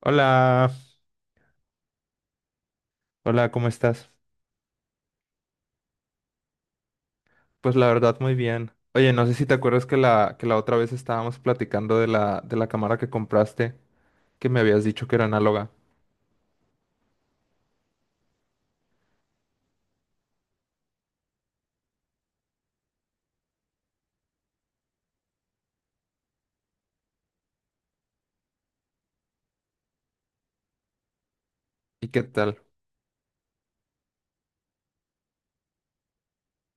Hola, hola, ¿cómo estás? Pues la verdad, muy bien. Oye, no sé si te acuerdas que que la otra vez estábamos platicando de la cámara que compraste, que me habías dicho que era análoga. ¿Y qué tal?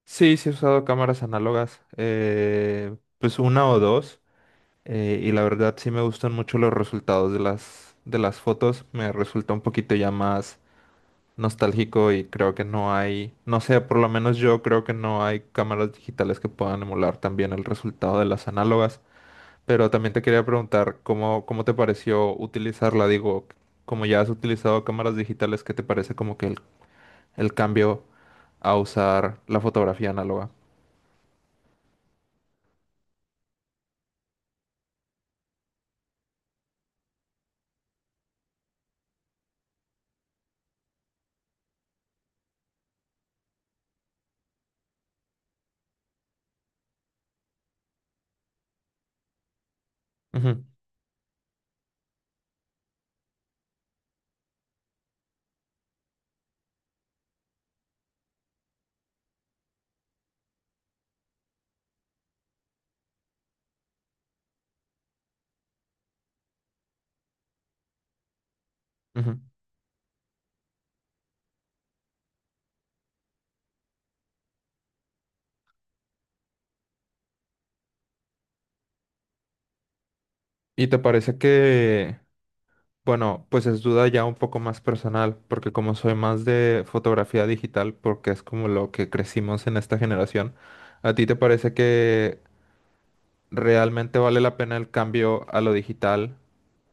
Sí, he usado cámaras análogas, pues una o dos, y la verdad sí me gustan mucho los resultados de las fotos. Me resulta un poquito ya más nostálgico y creo que no hay, no sé, por lo menos yo creo que no hay cámaras digitales que puedan emular también el resultado de las análogas. Pero también te quería preguntar cómo, cómo te pareció utilizarla. Digo, como ya has utilizado cámaras digitales, ¿qué te parece como que el cambio a usar la fotografía análoga? Ujú, ujú. Y te parece que, bueno, pues es duda ya un poco más personal, porque como soy más de fotografía digital, porque es como lo que crecimos en esta generación, ¿a ti te parece que ¿realmente vale la pena el cambio a lo digital?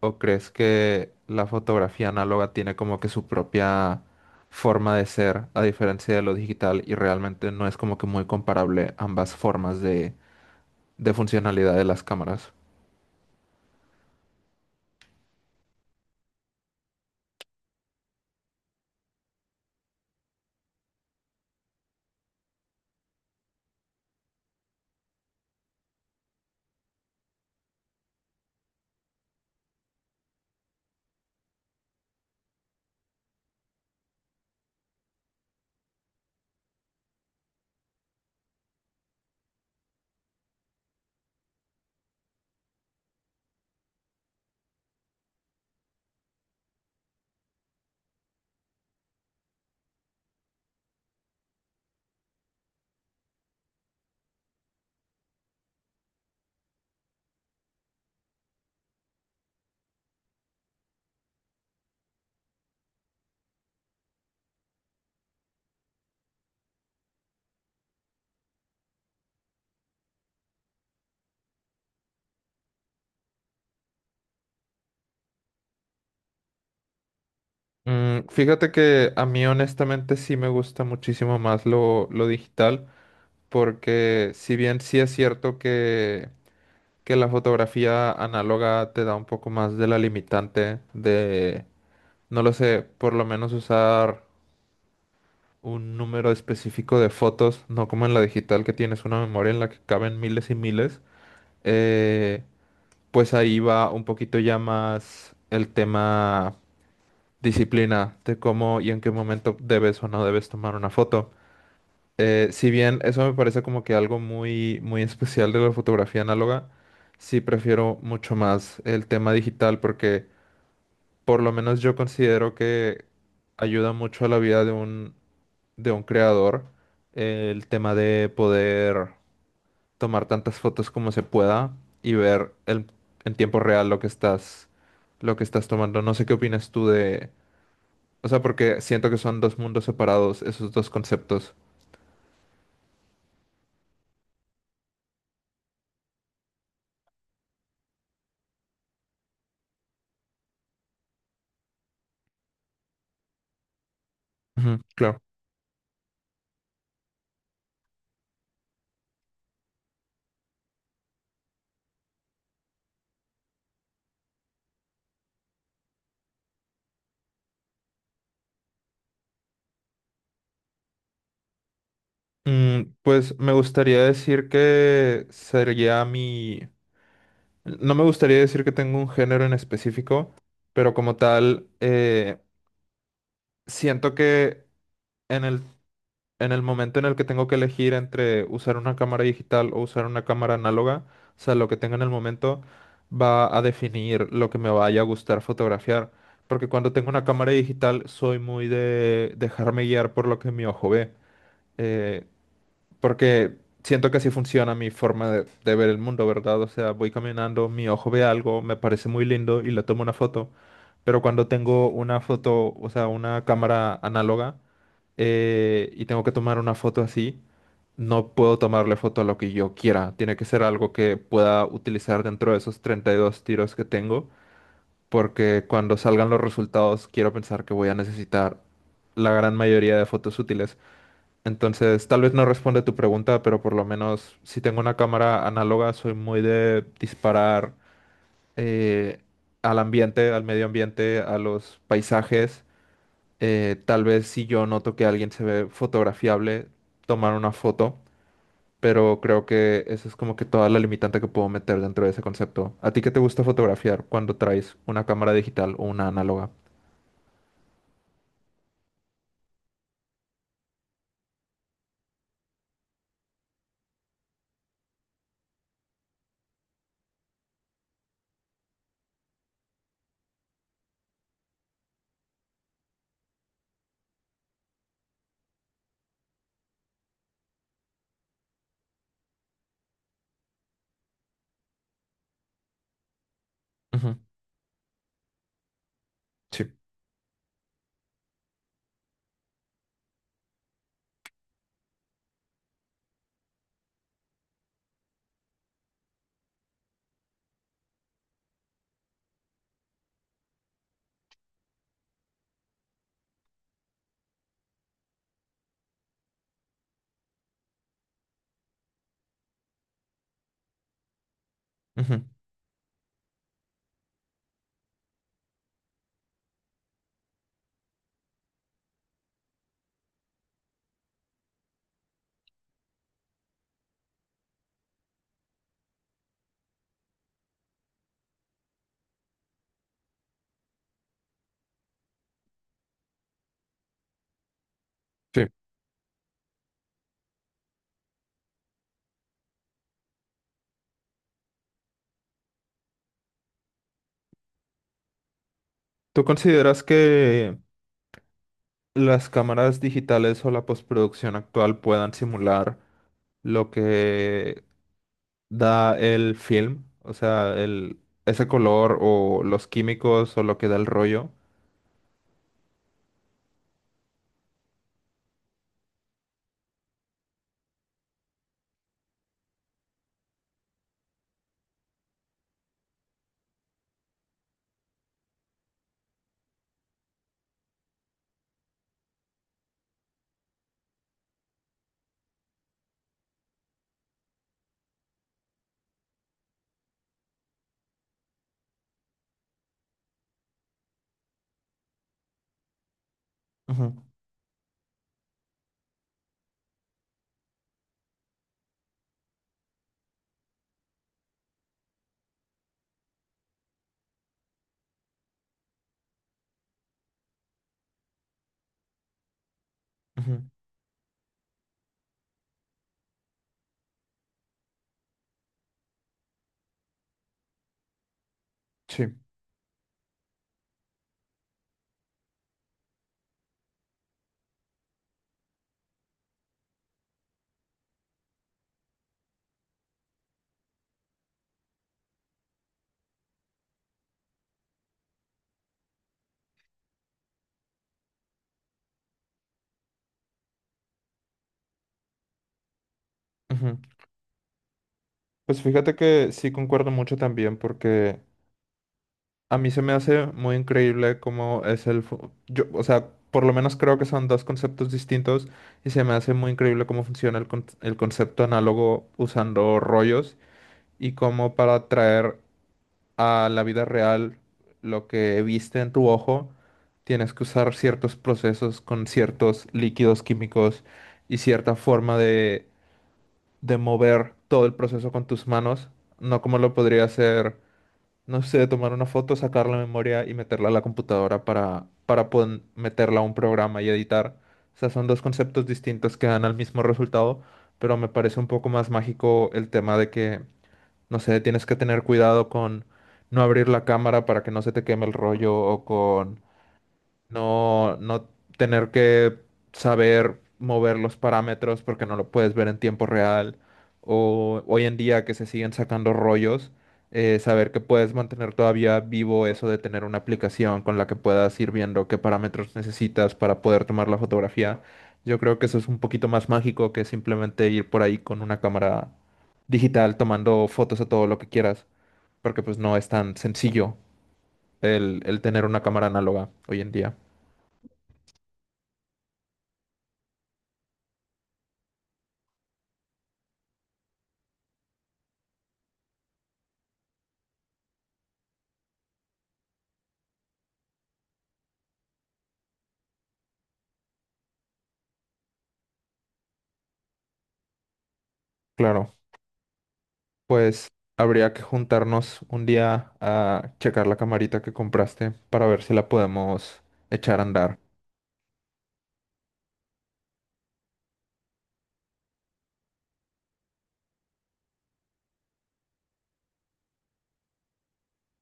¿O crees que la fotografía análoga tiene como que su propia forma de ser, a diferencia de lo digital, y realmente no es como que muy comparable ambas formas de funcionalidad de las cámaras? Mm, fíjate que a mí honestamente sí me gusta muchísimo más lo digital, porque si bien sí es cierto que la fotografía análoga te da un poco más de la limitante de no lo sé, por lo menos usar un número específico de fotos, no como en la digital que tienes una memoria en la que caben miles y miles. Eh, pues ahí va un poquito ya más el tema disciplina de cómo y en qué momento debes o no debes tomar una foto. Si bien eso me parece como que algo muy, muy especial de la fotografía análoga, sí prefiero mucho más el tema digital porque por lo menos yo considero que ayuda mucho a la vida de un creador el tema de poder tomar tantas fotos como se pueda y ver el- en tiempo real lo que estás tomando. No sé qué opinas tú de... O sea, porque siento que son dos mundos separados, esos dos conceptos. Ujú, claro. Mm, pues me gustaría decir que sería mi... No me gustaría decir que tengo un género en específico, pero como tal, siento que en el en el momento en el que tengo que elegir entre usar una cámara digital o usar una cámara análoga, o sea, lo que tenga en el momento va a definir lo que me vaya a gustar fotografiar. Porque cuando tengo una cámara digital soy muy de dejarme guiar por lo que mi ojo ve. eh, Porque siento que así funciona mi forma de ver el mundo, ¿verdad? O sea, voy caminando, mi ojo ve algo, me parece muy lindo y le tomo una foto. Pero cuando tengo una foto, o sea, una cámara análoga, y tengo que tomar una foto así, no puedo tomarle foto a lo que yo quiera. Tiene que ser algo que pueda utilizar dentro de esos 32 tiros que tengo, porque cuando salgan los resultados quiero pensar que voy a necesitar la gran mayoría de fotos útiles. Entonces, tal vez no responde tu pregunta, pero por lo menos si tengo una cámara análoga, soy muy de disparar eh, al ambiente, al medio ambiente, a los paisajes tal vez si yo noto que alguien se ve fotografiable, tomar una foto, pero creo que esa es como que toda la limitante que puedo meter dentro de ese concepto. ¿A ti qué te gusta fotografiar cuando traes una cámara digital o una análoga? Ujú, sí. Ujú, sí. ¿Tú consideras que las cámaras digitales o la postproducción actual puedan simular lo que da el film? O sea, el, ese color o los químicos o lo que da el rollo. Ujú, ujú. Sí. Ujú. Pues fíjate que sí concuerdo mucho también porque a mí se me hace muy increíble cómo es el... fu- Yo, o sea, por lo menos creo que son dos conceptos distintos y se me hace muy increíble cómo funciona el, con- el concepto análogo usando rollos y cómo para traer a la vida real lo que viste en tu ojo tienes que usar ciertos procesos con ciertos líquidos químicos y cierta forma de mover todo el proceso con tus manos, no como lo podría hacer, no sé, tomar una foto, sacar la memoria y meterla a la computadora para poder meterla a un programa y editar. O sea, son dos conceptos distintos que dan al mismo resultado, pero me parece un poco más mágico el tema de que, no sé, tienes que tener cuidado con no abrir la cámara para que no se te queme el rollo o con no, no tener que saber mover los parámetros porque no lo puedes ver en tiempo real. O hoy en día que se siguen sacando rollos, saber que puedes mantener todavía vivo eso de tener una aplicación con la que puedas ir viendo qué parámetros necesitas para poder tomar la fotografía. Yo creo que eso es un poquito más mágico que simplemente ir por ahí con una cámara digital tomando fotos a todo lo que quieras, porque pues no es tan sencillo el tener una cámara análoga hoy en día. Claro. Pues habría que juntarnos un día a checar la camarita que compraste para ver si la podemos echar a andar.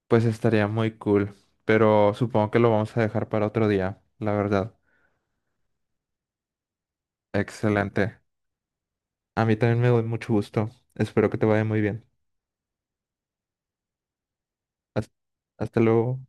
Pues estaría muy cool, pero supongo que lo vamos a dejar para otro día, la verdad. Excelente. A mí también me doy mucho gusto. Espero que te vaya muy bien. Hasta hasta luego.